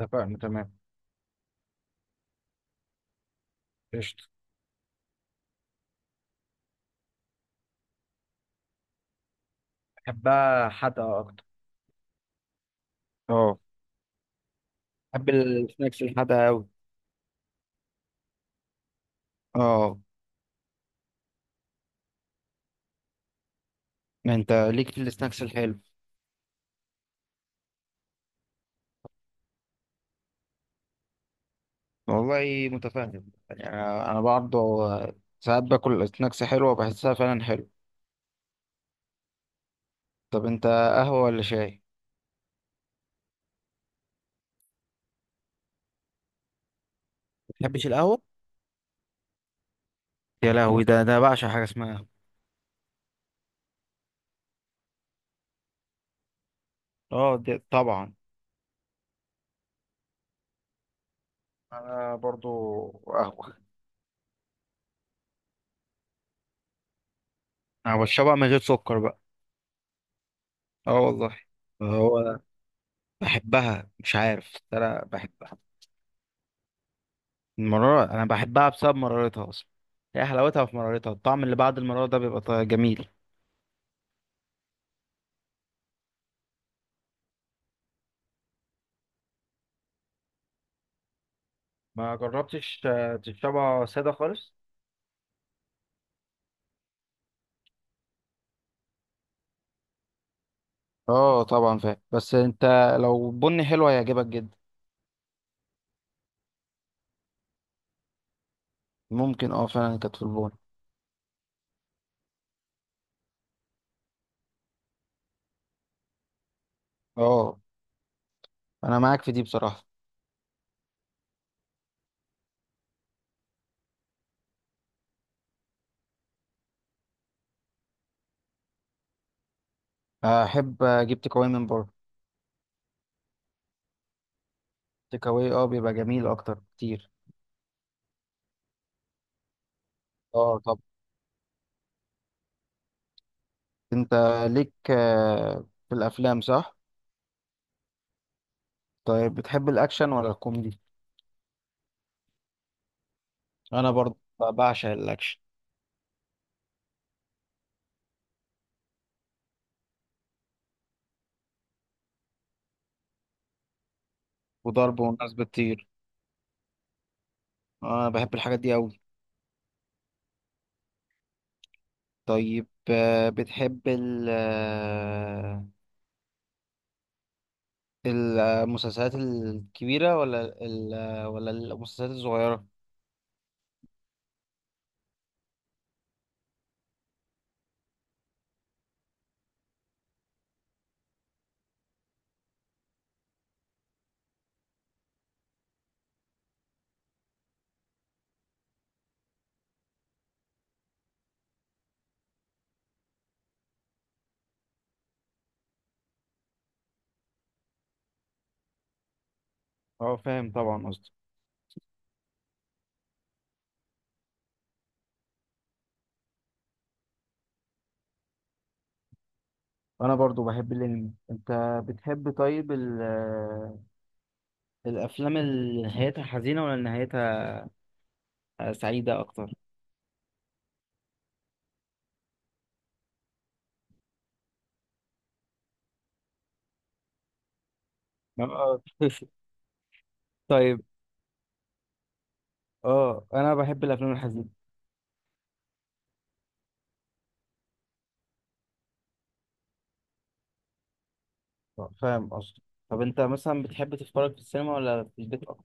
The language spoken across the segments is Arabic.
اتفقنا تمام، قشطة. بحبها حادقة أكتر. اه، بحب السناكس الحادقة أوي. اه، ما أنت ليك في السناكس الحلو. والله متفاهم يعني، انا برضه ساعات باكل سناكس حلوه، بحسها فعلا حلو. طب انت، قهوه ولا شاي؟ ما بتحبش القهوة؟ يا لهوي، ده بعشق حاجة اسمها قهوة. اه، دي طبعا. انا برضو قهوه. أنا بشربها من غير سكر بقى. اه والله. هو بحبها مش عارف، بس أنا بحبها. المرارة أنا بحبها بسبب مرارتها أصلا. هي حلاوتها في مرارتها، الطعم اللي بعد المرارة ده بيبقى جميل. ما جربتش، تشربها ساده خالص؟ اه طبعا فاهم، بس انت لو بني حلو هيعجبك جدا. ممكن، اه فعلا كانت في البون. اه، انا معاك في دي بصراحة. احب اجيب تيك اواي من بره. تيك اواي اه بيبقى جميل اكتر كتير. اه، طب انت ليك في الافلام، صح؟ طيب، بتحب الاكشن ولا الكوميدي؟ انا برضه بعشق الاكشن. وضرب والناس بتطير. انا بحب الحاجات دي قوي. طيب، بتحب ال آه، المسلسلات الكبيرة ولا ال آه، ولا المسلسلات الصغيرة؟ اه فاهم طبعا قصدي. انا برضو بحب الانمي. انت بتحب طيب ال آه، الافلام اللي نهايتها حزينة ولا نهايتها سعيدة اكتر؟ اه. طيب، اه انا بحب الافلام الحزينة. فاهم قصدي. طب انت مثلا بتحب تتفرج في السينما ولا في البيت اكتر؟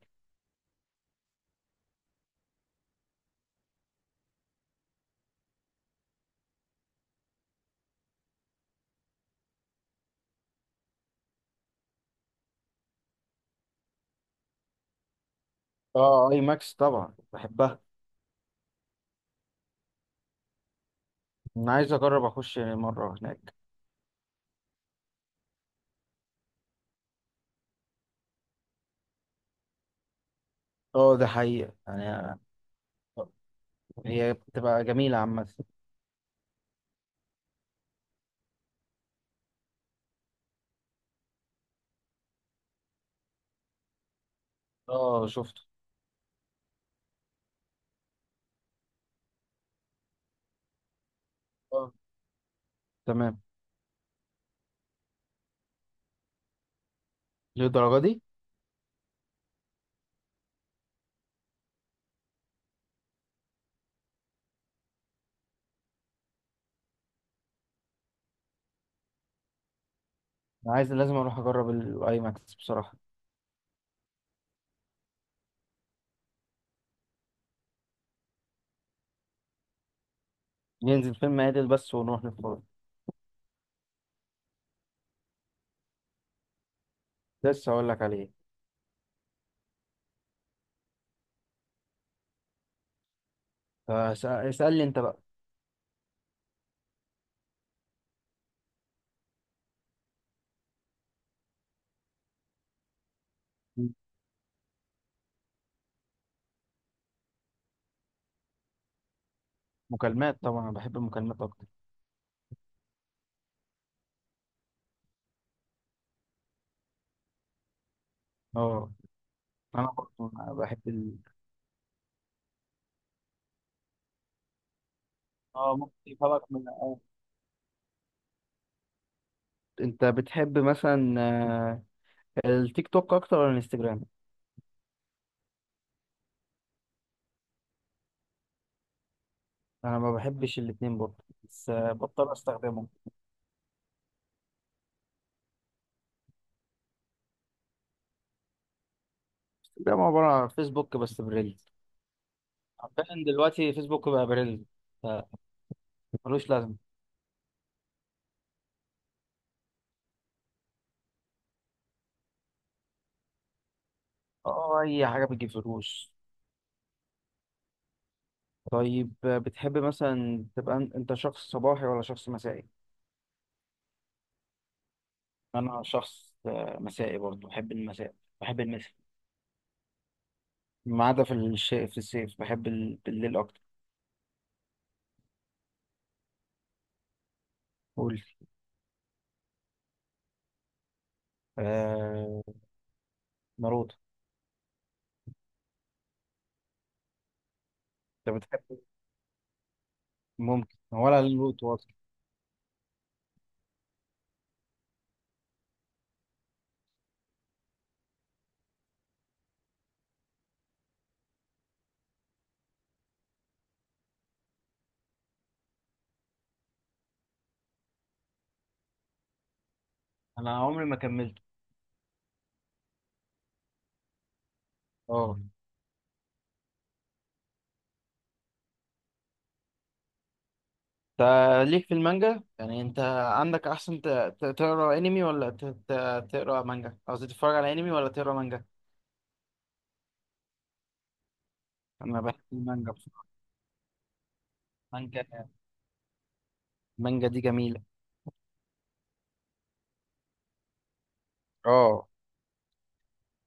اه، اي ماكس طبعا بحبها. انا عايز اجرب اخش مره هناك. اه ده حقيقه يعني. هي بتبقى جميله عامه. اه شفته. اه تمام. للدرجه دي. انا عايز لازم اروح اجرب الاي ماكس بصراحه. ننزل فيلم عادل بس ونروح نتفرج. لسه اقول لك عليه. اسالني انت بقى. مكالمات طبعا، انا بحب المكالمات اكتر. اه. انا برضه بحب. اه ممكن يفرق من. انت بتحب مثلا التيك توك اكتر ولا الانستجرام؟ انا ما بحبش الاتنين برضه، بس بضطر استخدمه. انستجرام عبارة عن فيسبوك بس بريلز. عارفين دلوقتي فيسبوك بقى بريلز. ف- ملوش لازمة. اه، أي حاجة بتجيب فلوس. طيب، بتحب مثلا تبقى أنت شخص صباحي ولا شخص مسائي؟ أنا شخص مسائي برضه، بحب المساء. بحب المساء. ما عدا في الصيف، بحب بالليل أكتر. قول. آه... ناروتو. أنت بتحب ممكن ولا ناروتو أصلا؟ أنا عمري ما كملته. اه، انت ليك في المانجا يعني، انت عندك احسن تقرا انمي ولا تقرا مانجا؟ قصدي تتفرج على انمي ولا تقرا مانجا؟ انا بحب المانجا بصراحه. المانجا المانجا دي جميله. اه.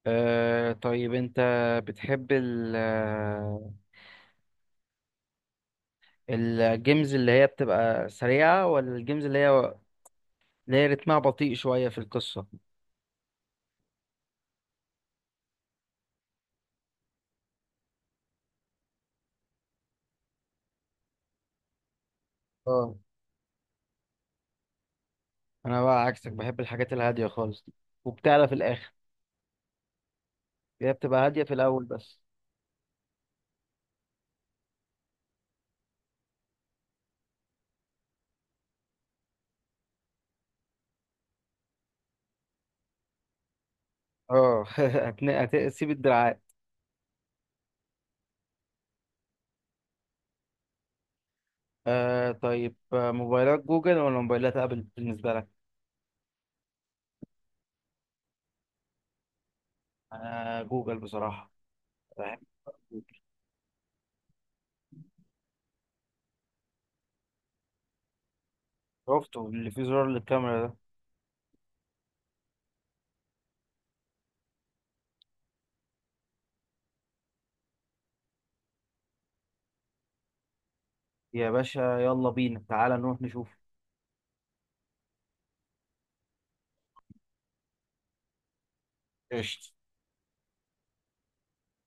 طيب انت بتحب الجيمز اللي هي بتبقى سريعه، ولا الجيمز اللي هي اللي هي رتمها بطيء شويه في القصه؟ اه انا بقى عكسك، بحب الحاجات الهاديه خالص دي وبتعلى في الاخر. هي بتبقى هاديه في الاول بس. اه. هتسيب الدراعات. آه طيب، موبايلات جوجل ولا موبايلات ابل بالنسبه لك؟ انا جوجل بصراحه. بحب جوجل. شفته اللي فيه زرار للكاميرا ده. يا باشا يلا بينا، تعالى نروح نشوف. قشطة.